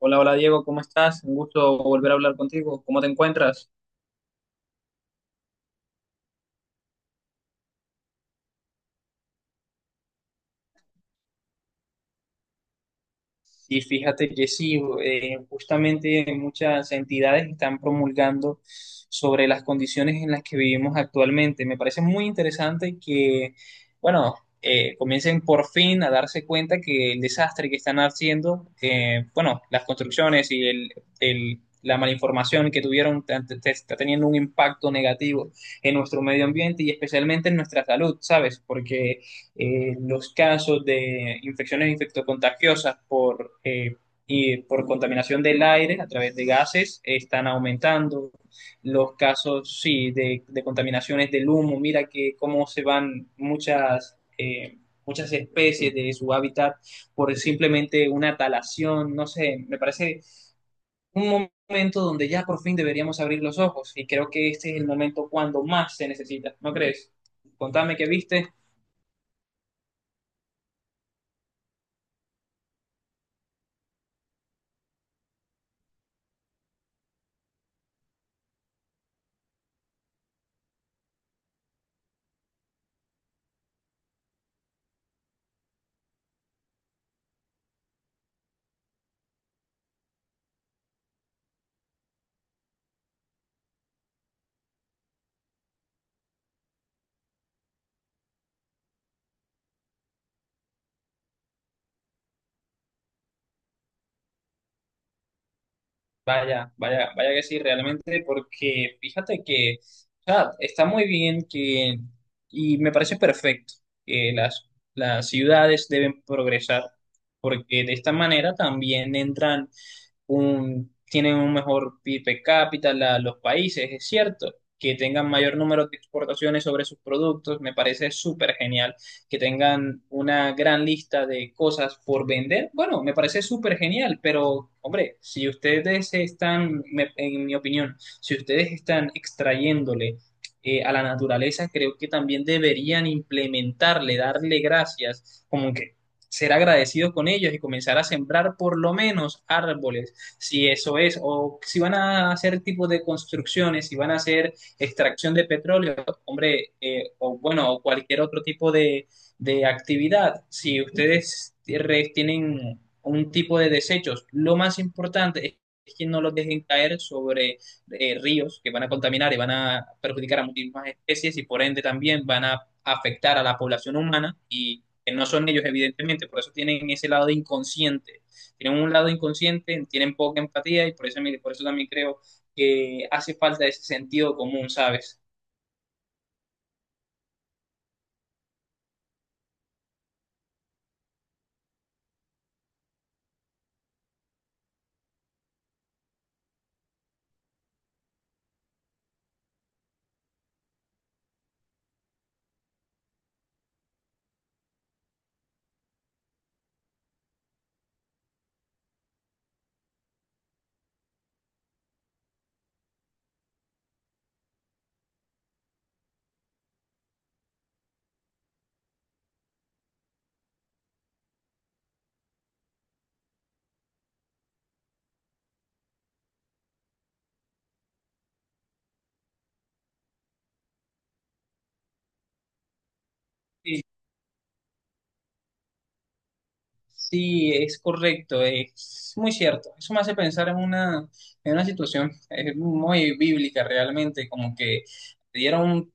Hola, hola Diego, ¿cómo estás? Un gusto volver a hablar contigo. ¿Cómo te encuentras? Y fíjate que sí, justamente muchas entidades están promulgando sobre las condiciones en las que vivimos actualmente. Me parece muy interesante que, bueno, comiencen por fin a darse cuenta que el desastre que están haciendo, bueno, las construcciones y la malinformación que tuvieron está teniendo un impacto negativo en nuestro medio ambiente y especialmente en nuestra salud, ¿sabes? Porque los casos de infecciones infectocontagiosas y por contaminación del aire a través de gases están aumentando. Los casos, sí, de contaminaciones del humo, mira que cómo se van muchas, muchas especies de su hábitat por simplemente una talación, no sé, me parece un momento donde ya por fin deberíamos abrir los ojos y creo que este es el momento cuando más se necesita, ¿no crees? Contame qué viste. Vaya, vaya, vaya que sí, realmente, porque fíjate que, o sea, está muy bien que, y me parece perfecto que las ciudades deben progresar, porque de esta manera también entran un, tienen un mejor PIB per cápita los países, es cierto, que tengan mayor número de exportaciones sobre sus productos, me parece súper genial que tengan una gran lista de cosas por vender, bueno, me parece súper genial, pero hombre, si ustedes están, en mi opinión, si ustedes están extrayéndole a la naturaleza, creo que también deberían implementarle, darle gracias, como que ser agradecidos con ellos y comenzar a sembrar por lo menos árboles, si eso es, o si van a hacer tipo de construcciones, si van a hacer extracción de petróleo, hombre, o bueno, o cualquier otro tipo de actividad, si ustedes tienen un tipo de desechos, lo más importante es que no los dejen caer sobre ríos que van a contaminar y van a perjudicar a muchísimas especies y por ende también van a afectar a la población humana y que no son ellos evidentemente, por eso tienen ese lado inconsciente. Tienen un lado inconsciente, tienen poca empatía y por eso también creo que hace falta ese sentido común, ¿sabes? Sí, es correcto, es muy cierto. Eso me hace pensar en una situación muy bíblica realmente, como que dieron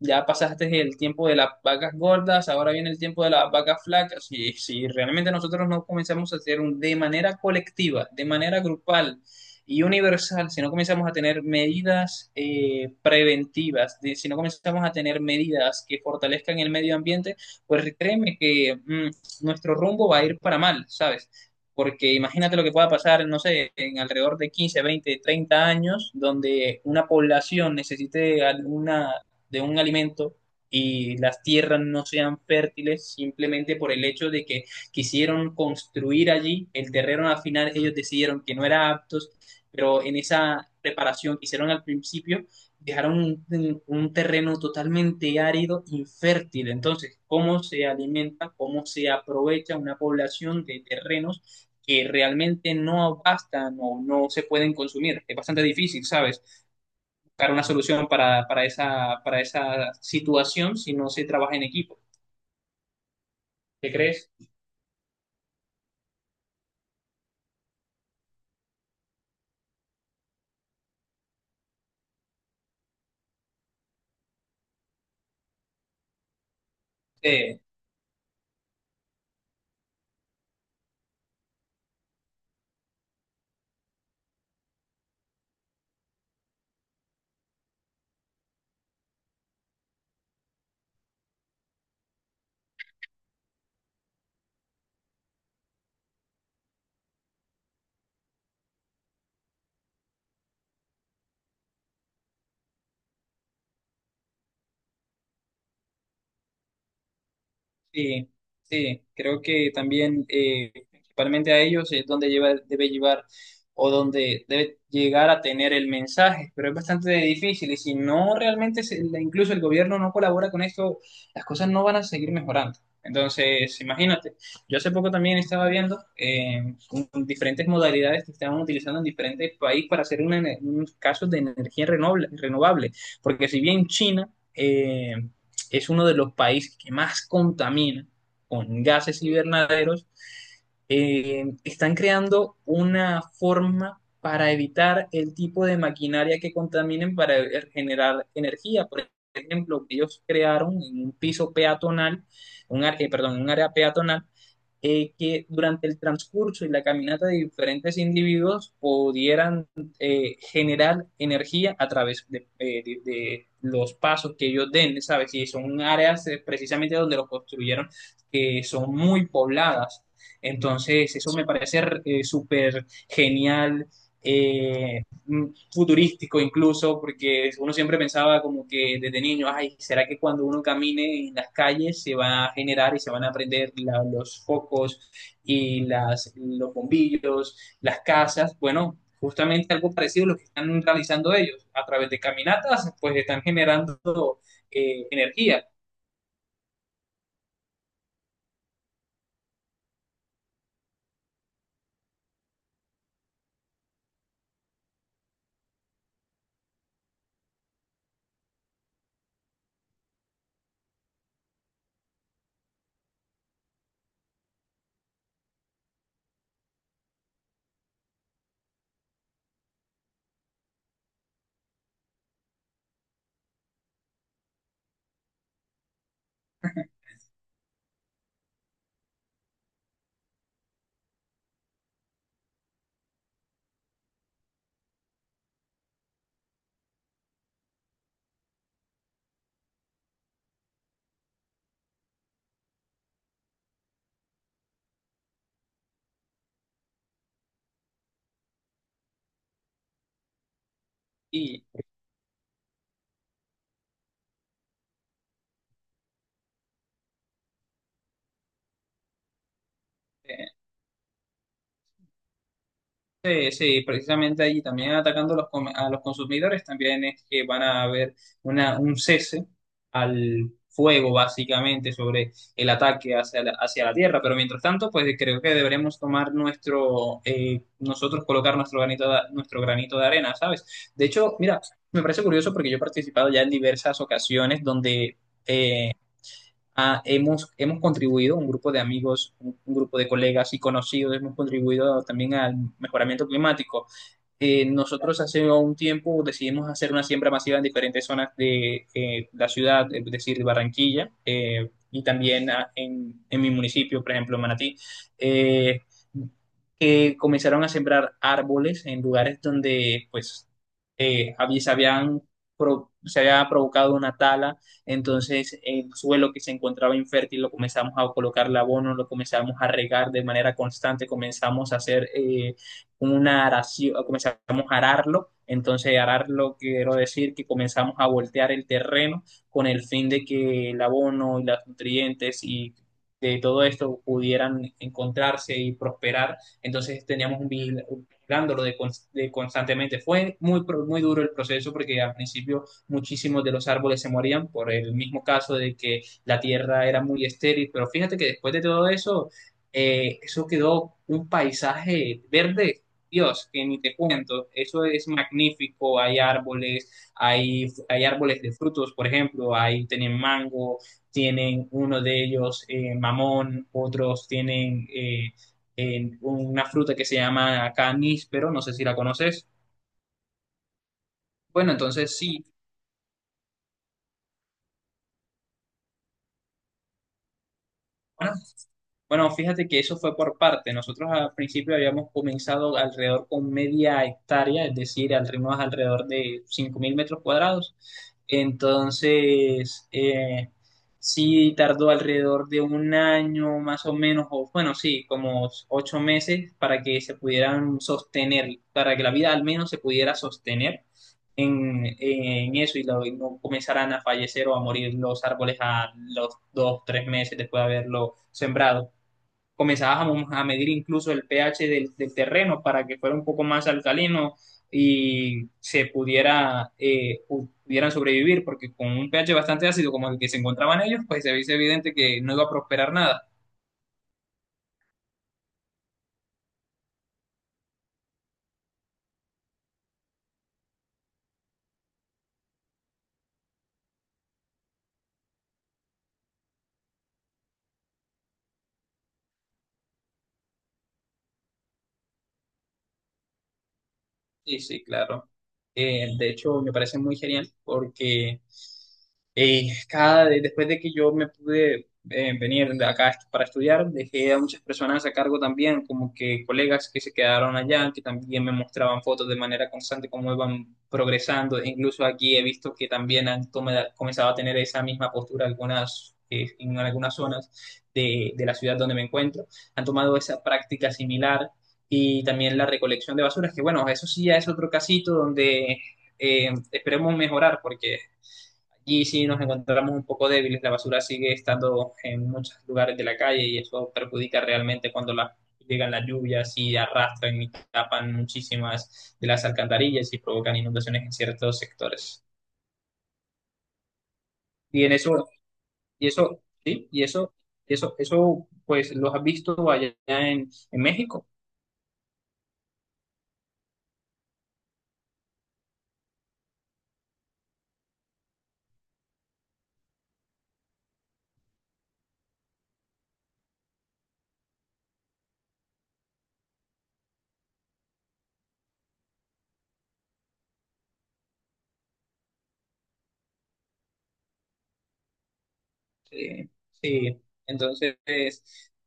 ya pasaste el tiempo de las vacas gordas, ahora viene el tiempo de las vacas flacas. Y si realmente nosotros no comenzamos a hacer un, de manera colectiva, de manera grupal y universal, si no comenzamos a tener medidas preventivas, si no comenzamos a tener medidas que fortalezcan el medio ambiente, pues créeme que nuestro rumbo va a ir para mal, ¿sabes? Porque imagínate lo que pueda pasar, no sé, en alrededor de 15, 20, 30 años, donde una población necesite alguna de un alimento y las tierras no sean fértiles simplemente por el hecho de que quisieron construir allí el terreno, al final ellos decidieron que no era aptos, pero en esa preparación que hicieron al principio dejaron un terreno totalmente árido, infértil. Entonces, ¿cómo se alimenta, cómo se aprovecha una población de terrenos que realmente no bastan o no se pueden consumir? Es bastante difícil, ¿sabes? Una solución para esa situación si no se trabaja en equipo. ¿Qué crees? Eh, Sí, sí, creo que también principalmente a ellos es donde lleva, debe llevar o donde debe llegar a tener el mensaje, pero es bastante difícil y si no realmente, incluso el gobierno no colabora con esto, las cosas no van a seguir mejorando. Entonces, imagínate, yo hace poco también estaba viendo diferentes modalidades que estaban utilizando en diferentes países para hacer una, unos casos de energía renovable, porque si bien China... es uno de los países que más contamina con gases invernaderos, están creando una forma para evitar el tipo de maquinaria que contaminen para generar energía. Por ejemplo, ellos crearon en un piso peatonal, perdón, un área peatonal, que durante el transcurso y la caminata de diferentes individuos pudieran generar energía a través de, de los pasos que ellos den, ¿sabes? Y son áreas precisamente donde los construyeron que son muy pobladas. Entonces, eso me parece súper genial. eh, Futurístico incluso, porque uno siempre pensaba como que desde niño, ay, ¿será que cuando uno camine en las calles se va a generar y se van a prender los focos y los bombillos, las casas? Bueno, justamente algo parecido a lo que están realizando ellos. A través de caminatas, pues están generando energía y eh, sí, sí, precisamente allí también atacando a a los consumidores, también es que van a haber una, un cese al fuego básicamente sobre el ataque hacia hacia la tierra, pero mientras tanto, pues creo que deberemos tomar nuestro, nosotros colocar nuestro granito nuestro granito de arena, ¿sabes? De hecho, mira, me parece curioso porque yo he participado ya en diversas ocasiones donde... hemos contribuido, un grupo de amigos, un grupo de colegas y conocidos, hemos contribuido también al mejoramiento climático. Nosotros hace un tiempo decidimos hacer una siembra masiva en diferentes zonas de la ciudad, es decir, Barranquilla, y también en mi municipio, por ejemplo, Manatí. Eh, que comenzaron a sembrar árboles en lugares donde pues se habían se había provocado una tala, entonces el suelo que se encontraba infértil lo comenzamos a colocar el abono, lo comenzamos a regar de manera constante, comenzamos a hacer una aración, comenzamos a ararlo, entonces ararlo quiero decir que comenzamos a voltear el terreno con el fin de que el abono y los nutrientes y de todo esto pudieran encontrarse y prosperar, entonces teníamos un vigilándolo de constantemente. Fue muy, muy duro el proceso porque al principio muchísimos de los árboles se morían por el mismo caso de que la tierra era muy estéril, pero fíjate que después de todo eso, eso quedó un paisaje verde, Dios, que ni te cuento, eso es magnífico, hay árboles, hay árboles de frutos, por ejemplo, ahí tienen mango, tienen uno de ellos mamón, otros tienen en una fruta que se llama caníspero, no sé si la conoces. Bueno, entonces sí, una bueno, fíjate que eso fue por parte. Nosotros al principio habíamos comenzado alrededor con media hectárea, es decir, al ritmo alrededor de 5.000 metros cuadrados. Entonces, sí tardó alrededor de un año más o menos, o bueno, sí, como 8 meses para que se pudieran sostener, para que la vida al menos se pudiera sostener en eso y no comenzaran a fallecer o a morir los árboles a los 2, 3 meses después de haberlo sembrado, comenzabas a medir incluso el pH del terreno para que fuera un poco más alcalino y se pudiera, pudieran sobrevivir, porque con un pH bastante ácido como el que se encontraban ellos, pues se veía evidente que no iba a prosperar nada. Sí, sí, claro. De hecho, me parece muy genial porque después de que yo me pude venir de acá para estudiar, dejé a muchas personas a cargo también, como que colegas que se quedaron allá, que también me mostraban fotos de manera constante, cómo iban progresando. E incluso aquí he visto que también han comenzado a tener esa misma postura algunas, en algunas zonas de la ciudad donde me encuentro. Han tomado esa práctica similar y también la recolección de basuras, que bueno, eso sí ya es otro casito donde esperemos mejorar porque allí sí nos encontramos un poco débiles, la basura sigue estando en muchos lugares de la calle y eso perjudica realmente cuando la, llegan las lluvias y arrastran y tapan muchísimas de las alcantarillas y provocan inundaciones en ciertos sectores. Y en eso, y eso, sí, y eso, pues los has visto allá en México. Sí, sí. Entonces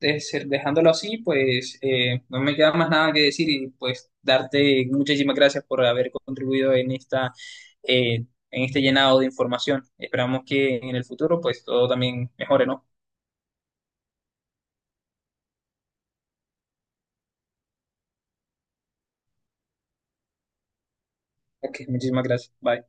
dejándolo así, pues no me queda más nada que decir y pues darte muchísimas gracias por haber contribuido en esta eh, en este llenado de información. Esperamos que en el futuro pues todo también mejore, ¿no? Ok, muchísimas gracias. Bye.